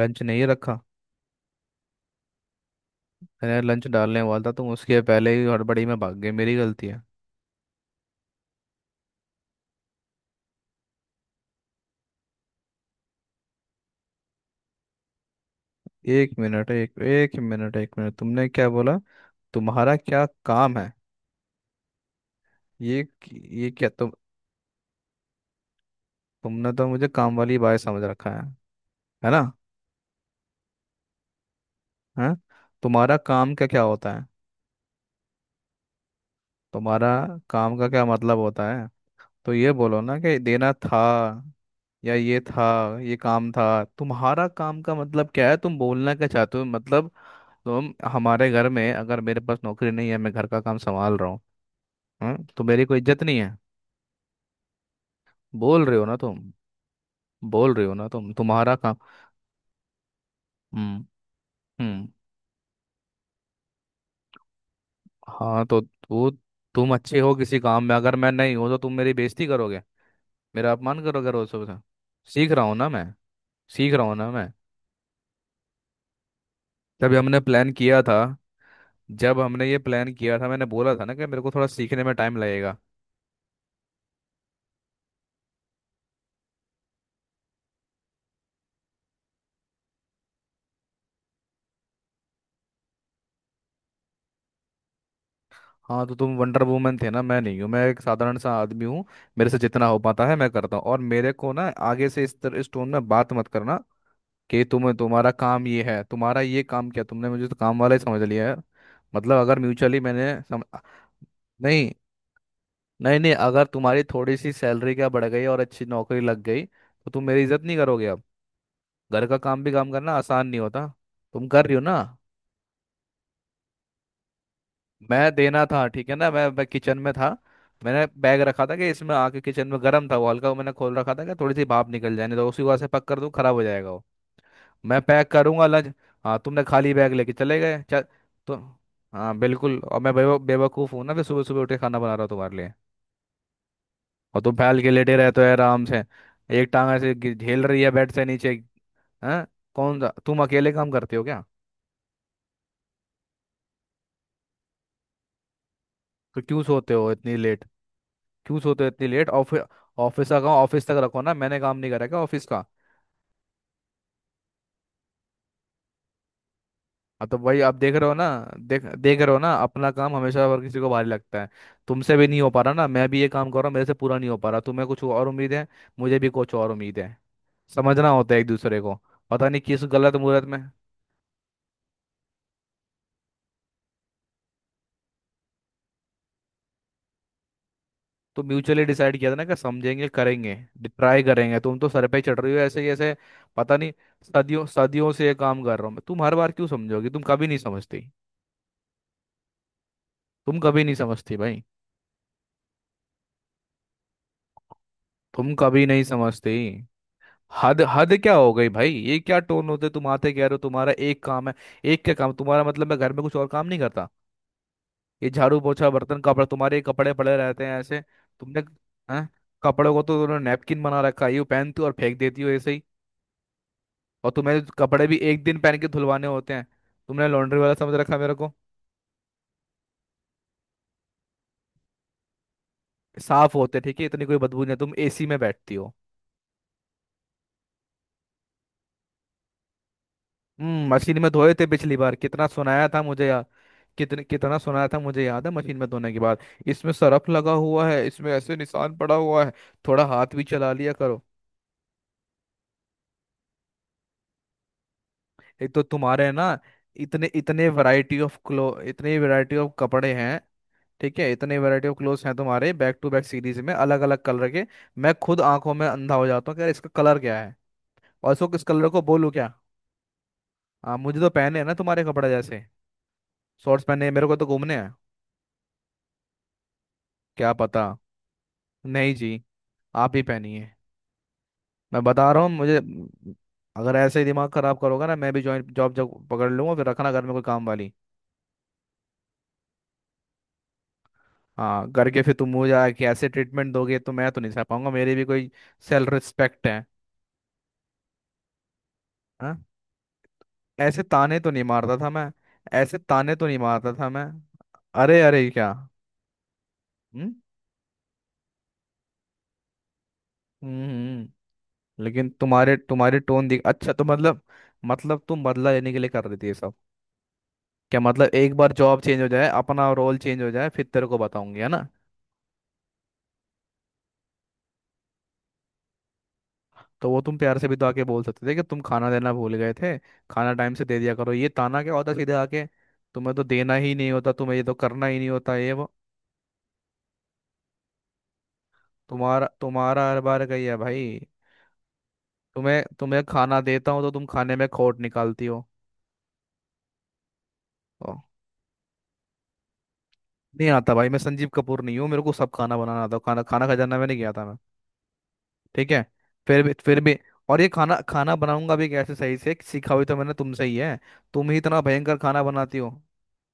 Lunch नहीं रखा। मैंने लंच डालने वाला था, तुम उसके पहले ही हड़बड़ी में भाग गए, मेरी गलती है। एक मिनट, एक एक मिनट, एक मिनट, तुमने क्या बोला। तुम्हारा क्या काम है। ये ये क्या तुम। तुमने तो मुझे काम वाली बाई समझ रखा है। है ना। हैं। तुम्हारा काम का क्या होता है। तुम्हारा काम का क्या मतलब होता है। तो ये बोलो ना कि देना था, या ये था, ये काम था। तुम्हारा काम का मतलब क्या है। तुम बोलना क्या चाहते हो मतलब। तो हमारे घर में अगर मेरे पास नौकरी नहीं है, मैं घर का काम संभाल रहा हूँ। हाँ? तो मेरी कोई इज्जत नहीं है। बोल रहे हो ना तुम। बोल रहे हो ना तुम, तुम्हारा काम। हम्म। हम्म। हाँ तो तू तुम अच्छे हो किसी काम में, अगर मैं नहीं हूँ तो तुम मेरी बेइज्जती करोगे। मेरा अपमान करोगे रोज सुबह। सीख रहा हूँ ना मैं। सीख रहा हूँ ना मैं। जब हमने प्लान किया था जब हमने ये प्लान किया था, मैंने बोला था ना कि मेरे को थोड़ा सीखने में टाइम लगेगा। हाँ तो तुम वंडर वुमन थे ना, मैं नहीं हूँ। मैं एक साधारण सा आदमी हूँ। मेरे से जितना हो पाता है मैं करता हूँ, और मेरे को ना, आगे से इस तरह इस टोन में बात मत करना कि तुम्हारा काम ये है, तुम्हारा ये काम क्या, तुमने मुझे तो काम वाला ही समझ लिया है। मतलब अगर म्यूचुअली मैंने सम... नहीं। नहीं नहीं, अगर तुम्हारी थोड़ी सी सैलरी क्या बढ़ गई और अच्छी नौकरी लग गई तो तुम मेरी इज्जत नहीं करोगे अब। घर का काम भी, काम करना आसान नहीं होता। तुम कर रही हो ना। मैं देना था, ठीक है ना, मैं किचन में था। मैंने बैग रखा था कि इसमें आके, किचन में गर्म था वो हल्का, वो मैंने खोल रखा था कि थोड़ी सी भाप निकल जाए, नहीं तो उसी को ऐसे पक कर दूं खराब हो जाएगा वो। मैं पैक करूंगा लंच। हाँ तुमने खाली बैग लेके चले गए चल। तो हाँ बिल्कुल, और मैं बेवकूफ़ बेवकूफ़ हूँ ना, फिर सुबह सुबह उठ के खाना बना रहा हूँ तुम्हारे लिए। और तुम फैल के लेटे रहते हो आराम से। एक टांग ऐसे झेल रही है बेड से नीचे। हाँ। कौन सा तुम अकेले काम करते हो क्या। तो क्यों सोते हो इतनी लेट क्यों सोते हो इतनी लेट ऑफिस। ऑफिस का काम ऑफिस तक रखो ना, मैंने काम नहीं करा क्या ऑफिस का। अब तो भाई आप देख रहे हो ना। देख देख रहे हो ना, अपना काम हमेशा हर किसी को भारी लगता है। तुमसे भी नहीं हो पा रहा ना, मैं भी ये काम कर रहा हूँ, मेरे से पूरा नहीं हो पा रहा, तुम्हें कुछ और उम्मीद है, मुझे भी कुछ और उम्मीद है। समझना होता है एक दूसरे को। पता नहीं किस गलत मुहूर्त में। तो म्यूचुअली डिसाइड किया था ना कि समझेंगे करेंगे, ट्राई करेंगे, तुम तो सर पे ही चढ़ रही हो ऐसे ही ऐसे। पता नहीं। सदियों सदियों से ये काम कर रहा हूँ मैं, तुम हर बार क्यों समझोगी, तुम कभी नहीं समझती। तुम कभी नहीं समझती भाई। तुम कभी नहीं समझते। हद हद क्या हो गई भाई, ये क्या टोन होते तुम आते कह रहे हो तुम्हारा एक काम है। एक क्या काम तुम्हारा, मतलब मैं घर में कुछ और काम नहीं करता। ये झाड़ू पोछा बर्तन कपड़ा, तुम्हारे कपड़े पड़े रहते हैं ऐसे। तुमने। हैं। कपड़ों को तो तुमने नैपकिन बना रखा है, यूं पहनती हो और फेंक देती हो ऐसे ही। और तुम्हें कपड़े भी एक दिन पहन के धुलवाने होते हैं। तुमने लॉन्ड्री वाला समझ रखा है मेरे को। साफ होते हैं, ठीक है, इतनी कोई बदबू नहीं है, तुम एसी में बैठती हो। मशीन में धोए थे पिछली बार, कितना सुनाया था मुझे यार। कितने कितना सुनाया था मुझे याद है मशीन में धोने के बाद, इसमें सरफ लगा हुआ है, इसमें ऐसे निशान पड़ा हुआ है, थोड़ा हाथ भी चला लिया करो। एक तो तुम्हारे ना, इतने इतने वैरायटी ऑफ क्लो इतने वैरायटी ऑफ कपड़े हैं, ठीक है, इतने वैरायटी ऑफ क्लोथ्स हैं तुम्हारे, बैक टू बैक सीरीज में अलग अलग कलर के। मैं खुद आंखों में अंधा हो जाता हूँ कि यार इसका कलर क्या है, और इसको किस कलर को बोलूँ क्या। हाँ मुझे तो पहने हैं ना तुम्हारे कपड़े जैसे। शॉर्ट्स पहने हैं मेरे को तो घूमने हैं। क्या पता। नहीं जी, आप ही पहनिए। मैं बता रहा हूँ मुझे। अगर ऐसे ही दिमाग खराब करोगा ना, मैं भी जॉइंट जॉब जब पकड़ लूंगा, फिर रखना घर में कोई काम वाली। हाँ करके फिर तुम मुझे आके ऐसे ट्रीटमेंट दोगे तो मैं तो नहीं सह पाऊंगा, मेरी भी कोई सेल्फ रिस्पेक्ट है। हाँ। ऐसे ताने तो नहीं मारता था मैं। ऐसे ताने तो नहीं मारता था मैं। अरे अरे क्या। हम्म। हम्म। हम्म। लेकिन तुम्हारे तुम्हारे टोन दिख, अच्छा, तो मतलब, मतलब तुम बदला लेने के लिए कर रही थी ये सब। क्या मतलब, एक बार जॉब चेंज हो जाए, अपना रोल चेंज हो जाए, फिर तेरे को बताऊंगी, है ना। तो वो तुम प्यार से भी तो आके बोल सकते थे कि तुम खाना देना भूल गए थे, खाना टाइम से दे दिया करो। ये ताना क्या होता सीधे आके, तुम्हें तो देना ही नहीं होता, तुम्हें ये तो करना ही नहीं होता, ये वो। तुम्हारा तुम्हारा हर बार का ही है भाई। तुम्हें तुम्हें खाना देता हूँ तो तुम खाने में खोट निकालती हो। ओ, नहीं आता भाई, मैं संजीव कपूर नहीं हूँ, मेरे को सब खाना बनाना आता है। खाना खाना खजाना में नहीं गया था मैं, ठीक है। फिर भी, फिर भी, और ये खाना खाना बनाऊंगा भी कैसे, सही से सीखा हुई तो मैंने तुमसे ही है, तुम ही इतना भयंकर खाना बनाती हो,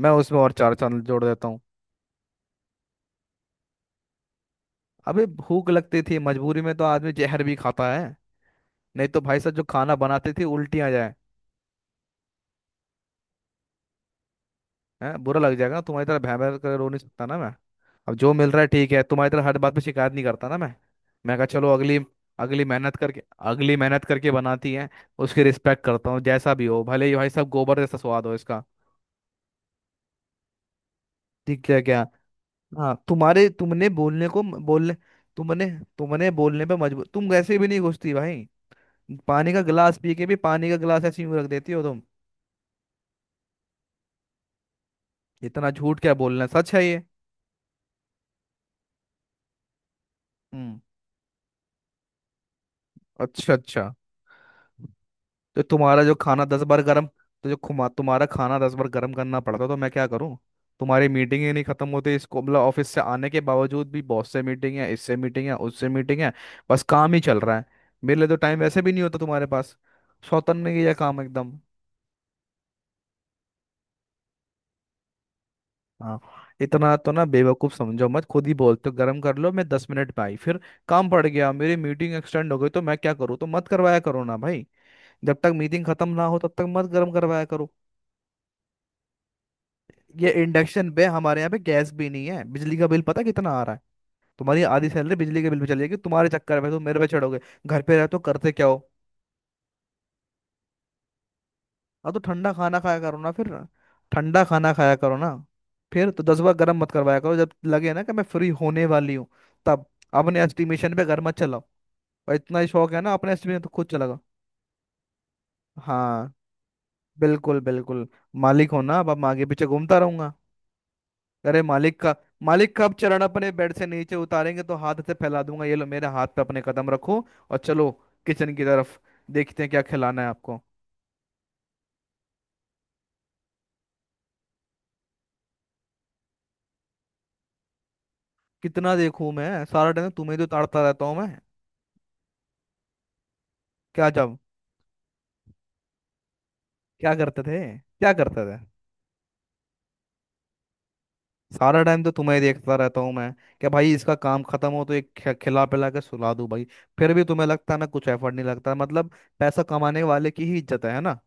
मैं उसमें और चार चांद जोड़ देता हूँ। अबे भूख लगती थी मजबूरी में तो आदमी जहर भी खाता है, नहीं तो भाई साहब जो खाना बनाते थे उल्टी आ जाए। हैं, बुरा लग जाएगा, तुम्हारी तरह भैं भैं कर रो नहीं सकता ना मैं। अब जो मिल रहा है ठीक है, तुम्हारी तरह हर बात पे शिकायत नहीं करता ना मैं। मैं कहा चलो अगली अगली मेहनत करके अगली मेहनत करके बनाती है, उसकी रिस्पेक्ट करता हूँ, जैसा भी हो, भले ही भाई साहब गोबर जैसा स्वाद हो इसका। ठीक है क्या। हाँ तुम्हारे, तुमने बोलने को, बोलने, तुमने तुमने बोलने पे मजबूर, तुम वैसे भी नहीं घुसती भाई। पानी का गिलास पी के भी, पानी का गिलास ऐसे ही यूं रख देती हो तुम। इतना झूठ क्या बोलना है, सच है ये। हम्म। अच्छा, अच्छा। तो तुम्हारा जो खाना 10 बार गर्म, तो जो खुमा, तुम्हारा खाना 10 बार गर्म करना पड़ता है, तो मैं क्या करूं। तुम्हारी मीटिंग ही नहीं खत्म होती इसको, मतलब ऑफिस से आने के बावजूद भी, बॉस से मीटिंग है, इससे मीटिंग है, उससे मीटिंग है, बस काम ही चल रहा है, मेरे लिए तो टाइम वैसे भी नहीं होता तुम्हारे पास। सौतन्य किया काम एकदम। हाँ, इतना तो ना बेवकूफ समझो मत, खुद ही बोलते हो गर्म कर लो मैं 10 मिनट में आई, फिर काम पड़ गया, मेरी मीटिंग एक्सटेंड हो गई, तो मैं क्या करूँ, तो मत करवाया करो ना भाई, जब तक मीटिंग खत्म ना हो तब तक मत गर्म करवाया करो। ये इंडक्शन पे हमारे यहाँ पे गैस भी नहीं है, बिजली का बिल पता कितना आ रहा है, तुम्हारी आधी सैलरी बिजली के बिल पे चली जाएगी तुम्हारे चक्कर में, तुम मेरे पे चढ़ोगे, घर पे रहते हो करते क्या हो। अब तो ठंडा खाना खाया करो ना फिर। ठंडा खाना खाया करो ना, फिर तो 10 बार गर्म मत करवाया करो, जब लगे ना कि मैं फ्री होने वाली हूँ, तब। अपने एस्टिमेशन पे घर मत चलाओ, और इतना ही शौक है ना अपने एस्टिमेशन तो खुद चलाओ। हाँ, बिल्कुल बिल्कुल, मालिक हो ना, अब मैं आगे पीछे घूमता रहूंगा। अरे मालिक का अब चरण अपने बेड से नीचे उतारेंगे तो हाथ से फैला दूंगा, ये लो मेरे हाथ पे अपने कदम रखो और चलो किचन की तरफ, देखते हैं क्या खिलाना है आपको। कितना देखूं मैं, सारा टाइम तो तुम्हें ही तो ताड़ता रहता हूँ मैं। क्या जब, क्या करते थे, क्या करते थे। सारा टाइम तो तुम्हें ही देखता रहता हूँ मैं, क्या भाई इसका काम खत्म हो तो एक खिला पिला के सुला दूं भाई। फिर भी तुम्हें लगता है मैं कुछ एफर्ट नहीं लगता, मतलब पैसा कमाने वाले की ही इज्जत है ना।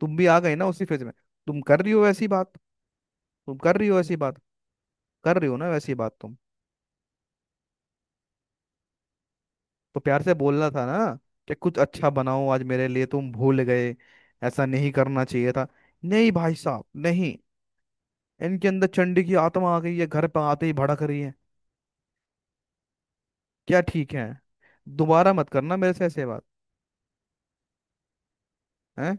तुम भी आ गई ना उसी फेज में, तुम कर रही हो ऐसी बात। तुम कर रही हो ऐसी बात, कर रही हो ना वैसी बात तुम। तो प्यार से बोलना था ना कि कुछ अच्छा बनाओ आज मेरे लिए, तुम भूल गए, ऐसा नहीं करना चाहिए था। नहीं भाई साहब नहीं, इनके अंदर चंडी की आत्मा आ गई है, घर पर आते ही भड़क रही है। क्या ठीक है, दोबारा मत करना मेरे से ऐसे बात। है,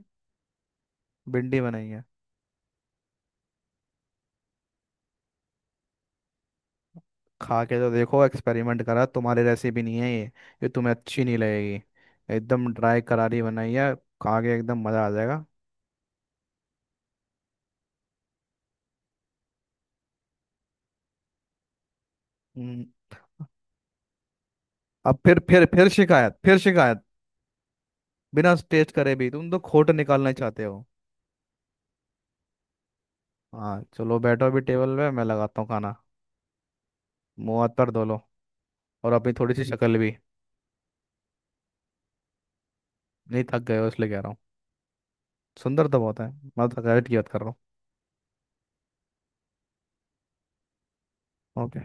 भिंडी बनाई है, खा के तो देखो, एक्सपेरिमेंट करा, तुम्हारी रेसिपी नहीं है ये तुम्हें अच्छी नहीं लगेगी, एकदम ड्राई करारी बनाई है, खा के एकदम मजा आ जाएगा। हम्म, अब फिर शिकायत, फिर शिकायत, बिना टेस्ट करे भी तुम तो खोट निकालना चाहते हो। हाँ चलो बैठो, अभी टेबल पे मैं लगाता हूँ खाना। मुंह हाथ पर धो लो, और अपनी थोड़ी सी शक्ल भी, नहीं थक गए हो इसलिए कह रहा हूँ, सुंदर तो बहुत है, मैं तो थकावट की बात कर रहा हूँ, ओके।